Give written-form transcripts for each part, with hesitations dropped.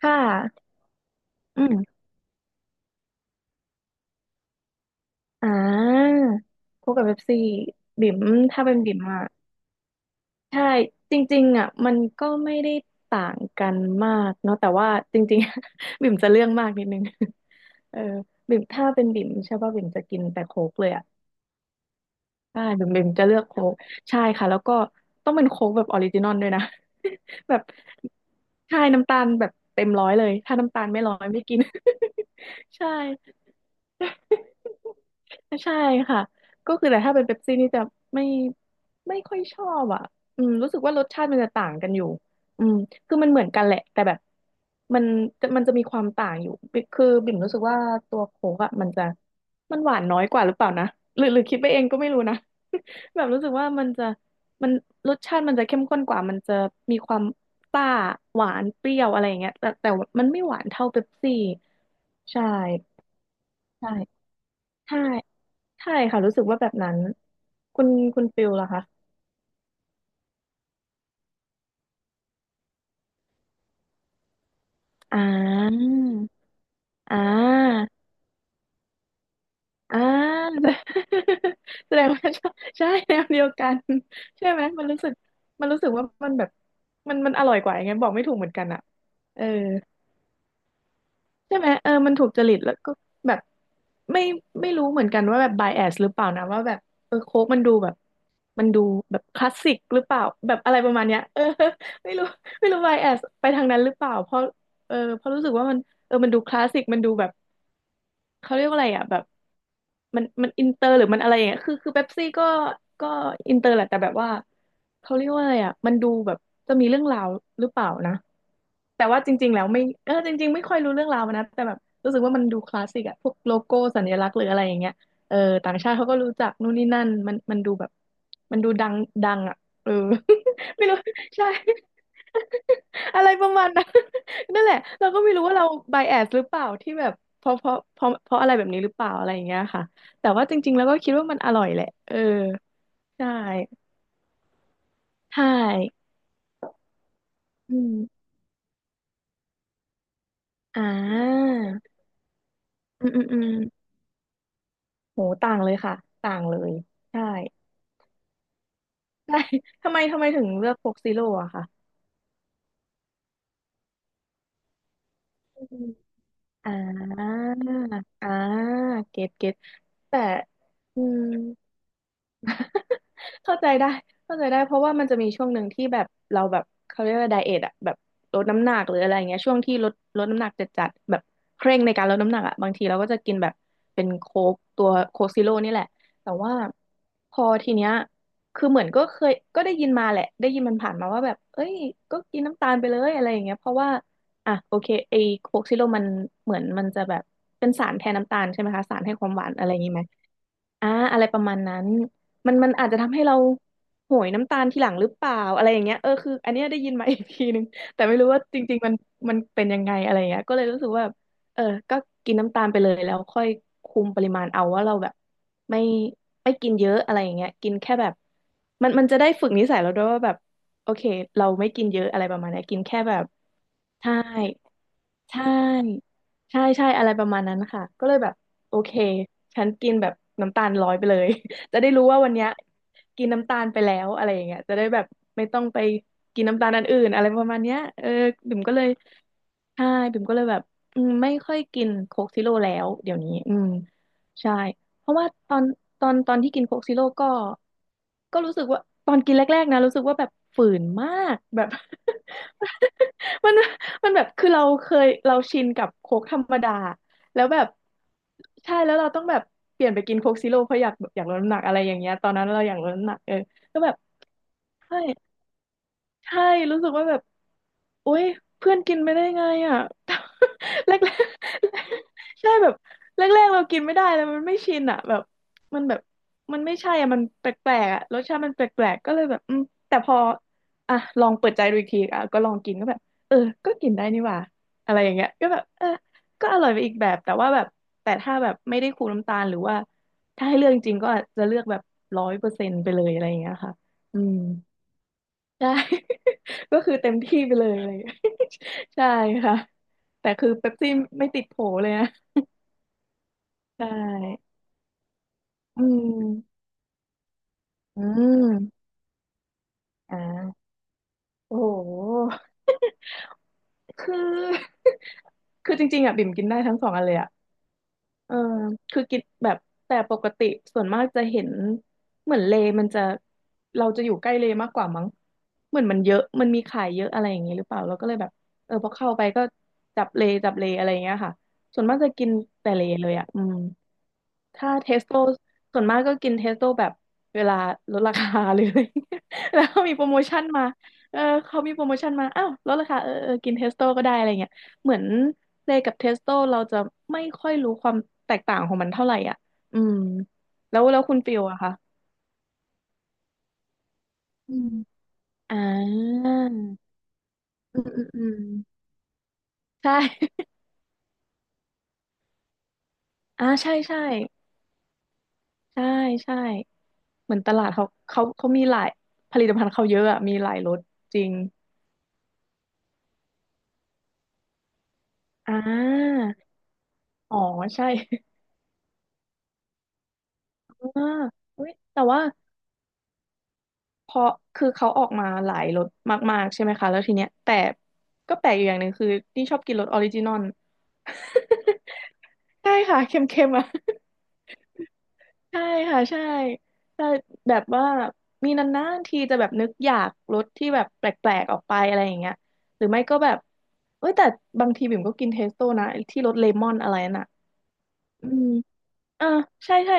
ค่ะอืมอ่าพวกกับเว็บซีบิ่มถ้าเป็นบิ่มอ่ะใช่จริงๆอ่ะมันก็ไม่ได้ต่างกันมากเนาะแต่ว่าจริงๆ บิ่มจะเรื่องมากนิดนึง เออบิ่มถ้าเป็นบิ่มใช่ป่ะบิ่มจะกินแต่โค้กเลยอ่ะใช่บิ่มจะเลือกโค้กใช่ค่ะแล้วก็ต้องเป็นโค้กแบบออริจินอลด้วยนะ แบบใช่น้ำตาลแบบเต็มร้อยเลยถ้าน้ำตาลไม่ร้อยไม่กิน ใช่ ใช่ค่ะก็คือแต่ถ้าเป็นเป๊ปซี่นี่จะไม่ไม่ค่อยชอบอ่ะอืมรู้สึกว่ารสชาติมันจะต่างกันอยู่อืมคือมันเหมือนกันแหละแต่แบบมันมันจะมีความต่างอยู่คือบิ่มรู้สึกว่าตัวโค้กอ่ะมันจะมันหวานน้อยกว่าหรือเปล่านะหรือคิดไปเองก็ไม่รู้นะ แบบรู้สึกว่ามันจะมันรสชาติมันจะเข้มข้นกว่ามันจะมีความซ่าหวานเปรี้ยวอะไรอย่างเงี้ยแต่มันไม่หวานเท่าเป๊ปซี่ใช่ใช่ใช่ ใช่ค่ะรู้สึกว่าแบบนั้นคุณคุณฟิลล่ะคะอ่าอ่าอ่า แสดงว่าใช่ใช่แนวเดียวกันใช่ไหมมันรู้สึกมันรู้สึกว่ามันแบบมันอร่อยกว่ายังไงบอกไม่ถูกเหมือนกันอ่ะเออ ใช่ไหมเออมันถูกจริตแล้วก็แบบไม่ไม่รู้เหมือนกันว่าแบบ bias หรือเปล่านะว่าแบบเออโค้กมันดูแบบมันดูคลาสสิกหรือเปล่าแบบอะไรประมาณเนี้ยเออ ไม่รู้bias ไปทางนั้นหรือเปล่าเพราะเออเพราะรู้สึกว่ามันเออมันดูคลาสสิกมันดูแบบ เขาเรียกว่าอะไรอ่ะแบบมันอินเตอร์หรือมันอะไรอย่างเงี้ยคือเป๊ปซี่ก็ก็อินเตอร์แหละแต่แบบว่าเขาเรียกว่าอะไรอ่ะมันดูแบบจะมีเรื่องราวหรือเปล่านะแต่ว่าจริงๆแล้วไม่เออจริงๆไม่ค่อยรู้เรื่องราวมันนะแต่แบบรู้สึกว่ามันดูคลาสสิกอะพวกโลโก้สัญลักษณ์หรืออะไรอย่างเงี้ยเออต่างชาติเขาก็รู้จักนู่นนี่นั่นมันดูแบบมันดูดังดังอ่ะเออ ไม่รู้ใช่ อะไรประมาณนั้น นั่นแหละเราก็ไม่รู้ว่าเรา bias หรือเปล่าที่แบบเพราะเพราะเพราะเพราะอะไรแบบนี้หรือเปล่าอะไรอย่างเงี้ยค่ะแต่ว่าจริงๆแล้วก็คิดว่ามันอร่อยแหละเออใช่ใช่อืมอ่าอืมอืมอืมโหต่างเลยค่ะต่างเลยใช่ใช่ทำไมถึงเลือกโคกซีโร่อะค่ะอืมอ่าอ่าเก็ตเก็ตแต่อืม เข้าใจได้เข้าใจได้เพราะว่ามันจะมีช่วงหนึ่งที่แบบเราแบบเขาเรียกว่าไดเอทอะแบบลดน้ำหนักหรืออะไรเงี้ยช่วงที่ลดน้ำหนักจัดจัดแบบเคร่งในการลดน้ำหนักอะบางทีเราก็จะกินแบบเป็นโค้กตัวโค้กซีโร่นี่แหละแต่ว่าพอทีเนี้ยคือเหมือนก็เคยก็ได้ยินมาแหละได้ยินมันผ่านมาว่าแบบเอ้ยก็กินน้ำตาลไปเลยอะไรอย่างเงี้ยเพราะว่าอ่ะโอเคไอโค้กซีโร่มันเหมือนมันจะแบบเป็นสารแทนน้ำตาลใช่ไหมคะสารให้ความหวานอะไรอย่างงี้ไหม อ่าอะไรประมาณนั้นมันอาจจะทำให้เราโหยน้ำตาลทีหลังหรือเปล่าอะไรอย่างเงี้ยเออคืออันเนี้ยได้ยินมา อีกทีนึงแต่ไม่รู้ว่าจริงๆมันเป็นยังไงอะไรอย่างเงี้ยก็เลยรู้สึกว่าเออก็กินน้ำตาลไปเลยแล้วค่อยคุมปริมาณเอาว่าเราแบบไม่ไม่กินเยอะอะไรอย่างเงี้ยกินแค่แบบมันจะได้ฝึกนิสัยเราด้วยว่าแบบโอเคเราไม่กินเยอะอะไรประมาณเนี้ยกินแค่แบบใช่ ใช่ใช่ใช่อะไรประมาณนั้นค่ะ ก็เลยแบบโอเค ฉันกินแบบน้ำตาลร้อยไปเลย จะได้รู้ว่าวันเนี้ยกินน้ำตาลไปแล้วอะไรอย่างเงี้ยจะได้แบบไม่ต้องไปกินน้ำตาลอันอื่นอะไรประมาณเนี้ยเออบิ่มก็เลย ใช่บิ่มก็เลยแบบอืมไม่ค่อยกินโค้กซิโร่แล้วเดี๋ยวนี้อืมใช่เพราะว่าตอนที่กินโค้กซิโร่ก็รู้สึกว่าตอนกินแรกๆนะรู้สึกว่าแบบฝืนมากแบบ มันมันแบบคือเราเคยเราชินกับโค้กธรรมดาแล้วแบบใช่แล้วเราต้องแบบเปลี่ยนไปกินโค้กซิโร่เพราะอยากอยากลดน้ำหนักอะไรอย่างเงี้ยตอนนั้นเราอยากลดน้ำหนักเออก็แบบใช่ ใช่รู้สึกว่าแบบโอ๊ยเพื่อนกินไม่ได้ไงอ่ะ แรก ๆใช่แบบแรกๆเรากินไม่ได้แล้วมันไม่ชินอ่ะแบบมันแบบมันไม่ใช่อ่ะมันแปลกๆอ่ะรสชาติมันแปลกๆก็เลยแบบอืมแต่พออ่ะลองเปิดใจดูอีกทีอ่ะก็ลองกินก็แบบเออก็กินได้นี่หว่าอะไรอย่างเงี้ยก็แบบเออก็อร่อยไปอีกแบบแต่ว่าแบบแต่ถ้าแบบไม่ได้คูน้ำตาลหรือว่าถ้าให้เลือกจริงๆก็อาจจะเลือกแบบ100%ไปเลยอะไรอย่างเงี้ยค่ะอืม ใช่ ก็คือเต็มที่ไปเลยอะไรอย่างเลย ใช่ค่ะ แต่คือเป๊ปซี่ไม่ติดโผเลยนะใช่ อืม อืมอ่าโอ้โหคือ คือจริงๆอ่ะบิ่มกินได้ทั้งสองอันเลยอ่ะ เออคือกินแบบแต่ปกติส่วนมากจะเห็นเหมือนเลมันจะเราจะอยู่ใกล้เลมากกว่ามั้งเหมือนมันเยอะมันมีขายเยอะอะไรอย่างนี้หรือเปล่าเราก็เลยแบบเออพอเข้าไปก็จับเลจับเลอะไรอย่างเงี้ยค่ะส่วนมากจะกินแต่เลเลยอ่ะอืม ถ้าเทสโตส่วนมากก็กินเทสโตแบบเวลาลดราคาหรืออะไร เงี้ยแล้วเขามีโปรโมชั่นมาเออเขามีโปรโมชั่นมาอ้าวลดราคาเออเออกินเทสโตก็ได้อะไรเงี้ยเหมือนเลยกับเทสโตเราจะไม่ค่อยรู้ความแตกต่างของมันเท่าไหร่อ่ะอืมแล้วคุณฟิลอะคะอืมอ่าอืมอืมอืมใช่อ่าใช่ใช่ใช่ใช่เหมือนตลาดเขามีหลายผลิตภัณฑ์เขาเยอะอะมีหลายรสจริงอ่า อ๋อใช่ อ่าอุ๊ยแต่ว่าพอคือเขาออกมาหลายรสมากๆใช่ไหมคะแล้วทีเนี้ยแต่ก็แปลกอยู่อย่างหนึ่งคือนี่ชอบกินรสออริจินอล ใช่ค่ะเค็มๆอ่ะ ใช่ค่ะใช่แต่แบบว่ามีนานๆทีจะแบบนึกอยากรสที่แบบแปลกๆออกไปอะไรอย่างเงี้ยหรือไม่ก็แบบเอ้ยแต่บางทีบิ่มก็กินเทสโต้นะไอ้ที่รสเลมอนอะไรน่ะอืมเออใช่ใช่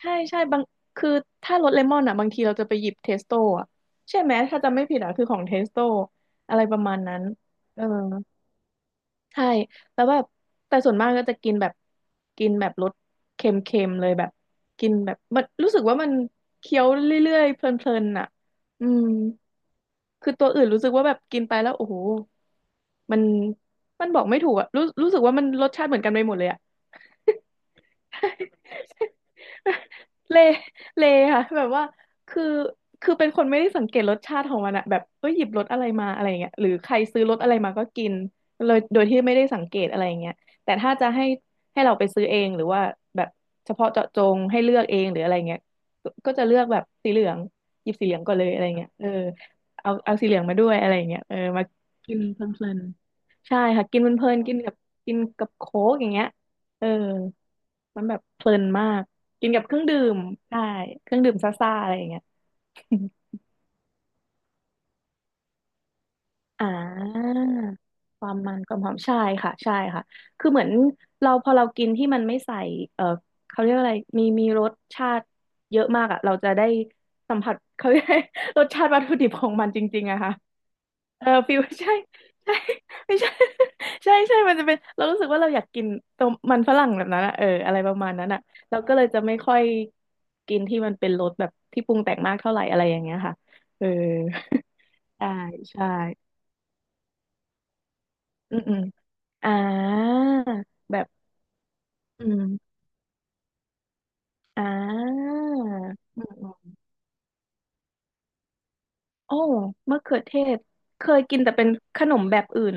ใช่ใช่บางคือถ้ารสเลมอนอ่ะบางทีเราจะไปหยิบเทสโต้อ่ะใช่ไหมถ้าจำไม่ผิดอ่ะคือของเทสโต้อะไรประมาณนั้นเออใช่แล้วแบบแต่ส่วนมากก็จะกินแบบกินแบบรสเค็มๆเลยแบบกินแบบมันรู้สึกว่ามันเคี้ยวเรื่อยๆเพลินๆอ่ะอืมคือตัวอื่นรู้สึกว่าแบบกินไปแล้วโอ้โหมันมันบอกไม่ถูกอ่ะรู้รู้สึกว่ามันรสชาติเหมือนกันไปหมดเลยอ่ะ เละเละค่ะแบบว่าคือคือเป็นคนไม่ได้สังเกตรสชาติของมันอะแบบเอ้ยหยิบรสอะไรมาอะไรเงี้ยหรือใครซื้อรสอะไรมาก็กินเลยโดยที่ไม่ได้สังเกตอะไรเงี้ยแต่ถ้าจะให้เราไปซื้อเองหรือว่าแบบเฉพาะเจาะจงให้เลือกเองหรืออะไรเงี้ยก็ก็จะเลือกแบบสีเหลืองหยิบสีเหลืองก่อนเลยอะไรเงี้ยเออเอาเอาสีเหลืองมาด้วยอะไรเงี้ยเออมากินเพลินๆใช่ค่ะกินเพลินๆกินกับโค้กอย่างเงี้ยเออมันแบบเพลินมาก กินกับเครื่องดื่มได้เครื่องดื่มซ่าๆอะไรอย่างเงี้ยอ่าความมันความหอมใช่ค่ะใช่ค่ะคือเหมือนเราพอเรากินที่มันไม่ใส่เออเขาเรียกว่าอะไรมีมีรสชาติเยอะมากอ่ะเราจะได้สัมผัสเขาเรียก รสชาติวัตถุดิบของมันจริงๆอะค่ะ เออฟิวใช่ใช่ไม่ใช่ ใช่ใช่มันจะเป็นเรารู้สึกว่าเราอยากกินต้มมันฝรั่งแบบนั้นอะเอออะไรประมาณนั้นอะเราก็เลยจะไม่ค่อยกินที่มันเป็นรสแบบที่ปรุงแต่งมากเท่าไหร่อะไรอย่างเงี้ยค่ะเออ ใช่ใช่อืมอืมอ่าแบบอืมอ่าอืมอืมโอ้มะเขือเทศเคยกินแต่เป็นขนมแบบอื่น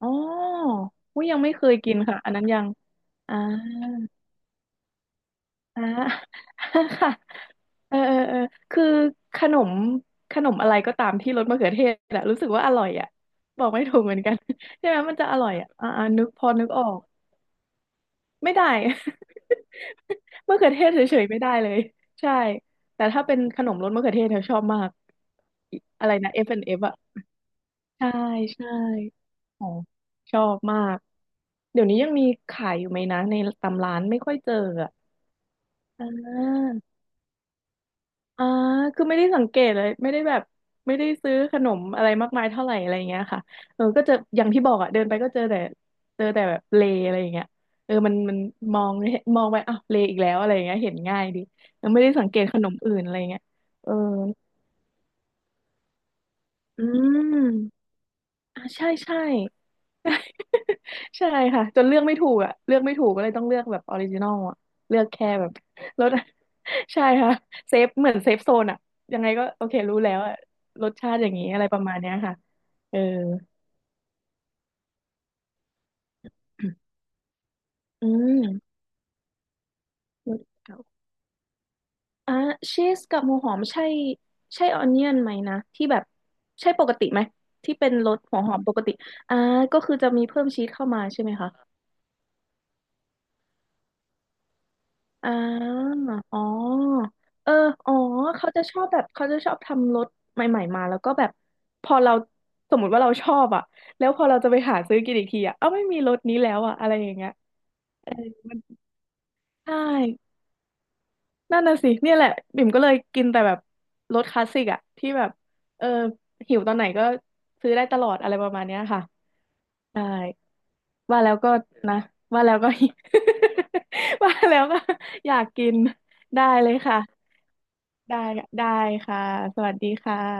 อ๋ออุ้ยยังไม่เคยกินค่ะอันนั้นยังอ่า อ่า ค่ะเออเออเออคือขนมขนมอะไรก็ตามที่รสมะเขือเทศอะรู้สึกว่าอร่อยอะบอกไม่ถูกเหมือนกัน ใช่ไหมมันจะอร่อยอะอ่าอ่านึกพอนึกออกไม่ได้ มะเขือเทศเฉยๆไม่ได้เลยใช่แต่ถ้าเป็นขนมรสมะเขือเทศเธอชอบมากอิอะไรนะ F&F อฟแอนด์เอฟอะใช่ใช่โอ้ชอบมากเดี๋ยวนี้ยังมีขายอยู่ไหมนะในตามร้านไม่ค่อยเจออะอ่า อ่าคือไม่ได้สังเกตเลยไม่ได้แบบไม่ได้ซื้อขนมอะไรมากมายเท่าไหร่อะไรอย่างเงี้ยค่ะเออก็จะอย่างที่บอกอ่ะเดินไปก็เจอแต่แบบเลอะไรอย่างเงี้ยเออมันมันมองมองไปอ้าวเลอีกแล้วอะไรอย่างเงี้ยเห็นง่ายดีเออไม่ได้สังเกตขนมอื่นอะไรอย่างเงี้ยเอออืมอ่าใช่ใช่ ใช่ค่ะจนเลือกไม่ถูกอ่ะเลือกไม่ถูกก็เลยต้องเลือกแบบออริจินอลอ่ะเลือกแค่แบบรส ใช่ค่ะเซฟเหมือนเซฟโซนอ่ะยังไงก็โอเครู้แล้วอ่ะรสชาติอย่างนี้อะไรประมาณเนี้ยค่ะเอออืมรสเก่าอ่ะชีสกับหัวหอมใช่ใช่ออนเนียนไหมนะที่แบบใช่ปกติไหมที่เป็นรสหัวหอมปกติอ่าก็คือจะมีเพิ่มชีสเข้ามาใช่ไหมคะ อ่าอ๋อเอออ๋อ เขาจะชอบแบบเขาจะชอบทำรถใหม่ๆมาแล้วก็แบบพอเราสมมติว่าเราชอบอ่ะแล้วพอเราจะไปหาซื้อกินอีกทีอ่ะเอ้าไม่มีรถนี้แล้วอ่ะอะไรอย่างเงี้ยมันใช่นั่นน่ะสิเนี่ยแหละบิ่มก็เลยกินแต่แบบรถคลาสสิกอ่ะที่แบบเออหิวตอนไหนก็ซื้อได้ตลอดอะไรประมาณเนี้ยค่ะใช่ว่าแล้วก็นะว่าแล้วก็ ว่าแล้วก็อยากกินได้เลยค่ะ ได้ได้ค่ะ สวัสดีค่ะ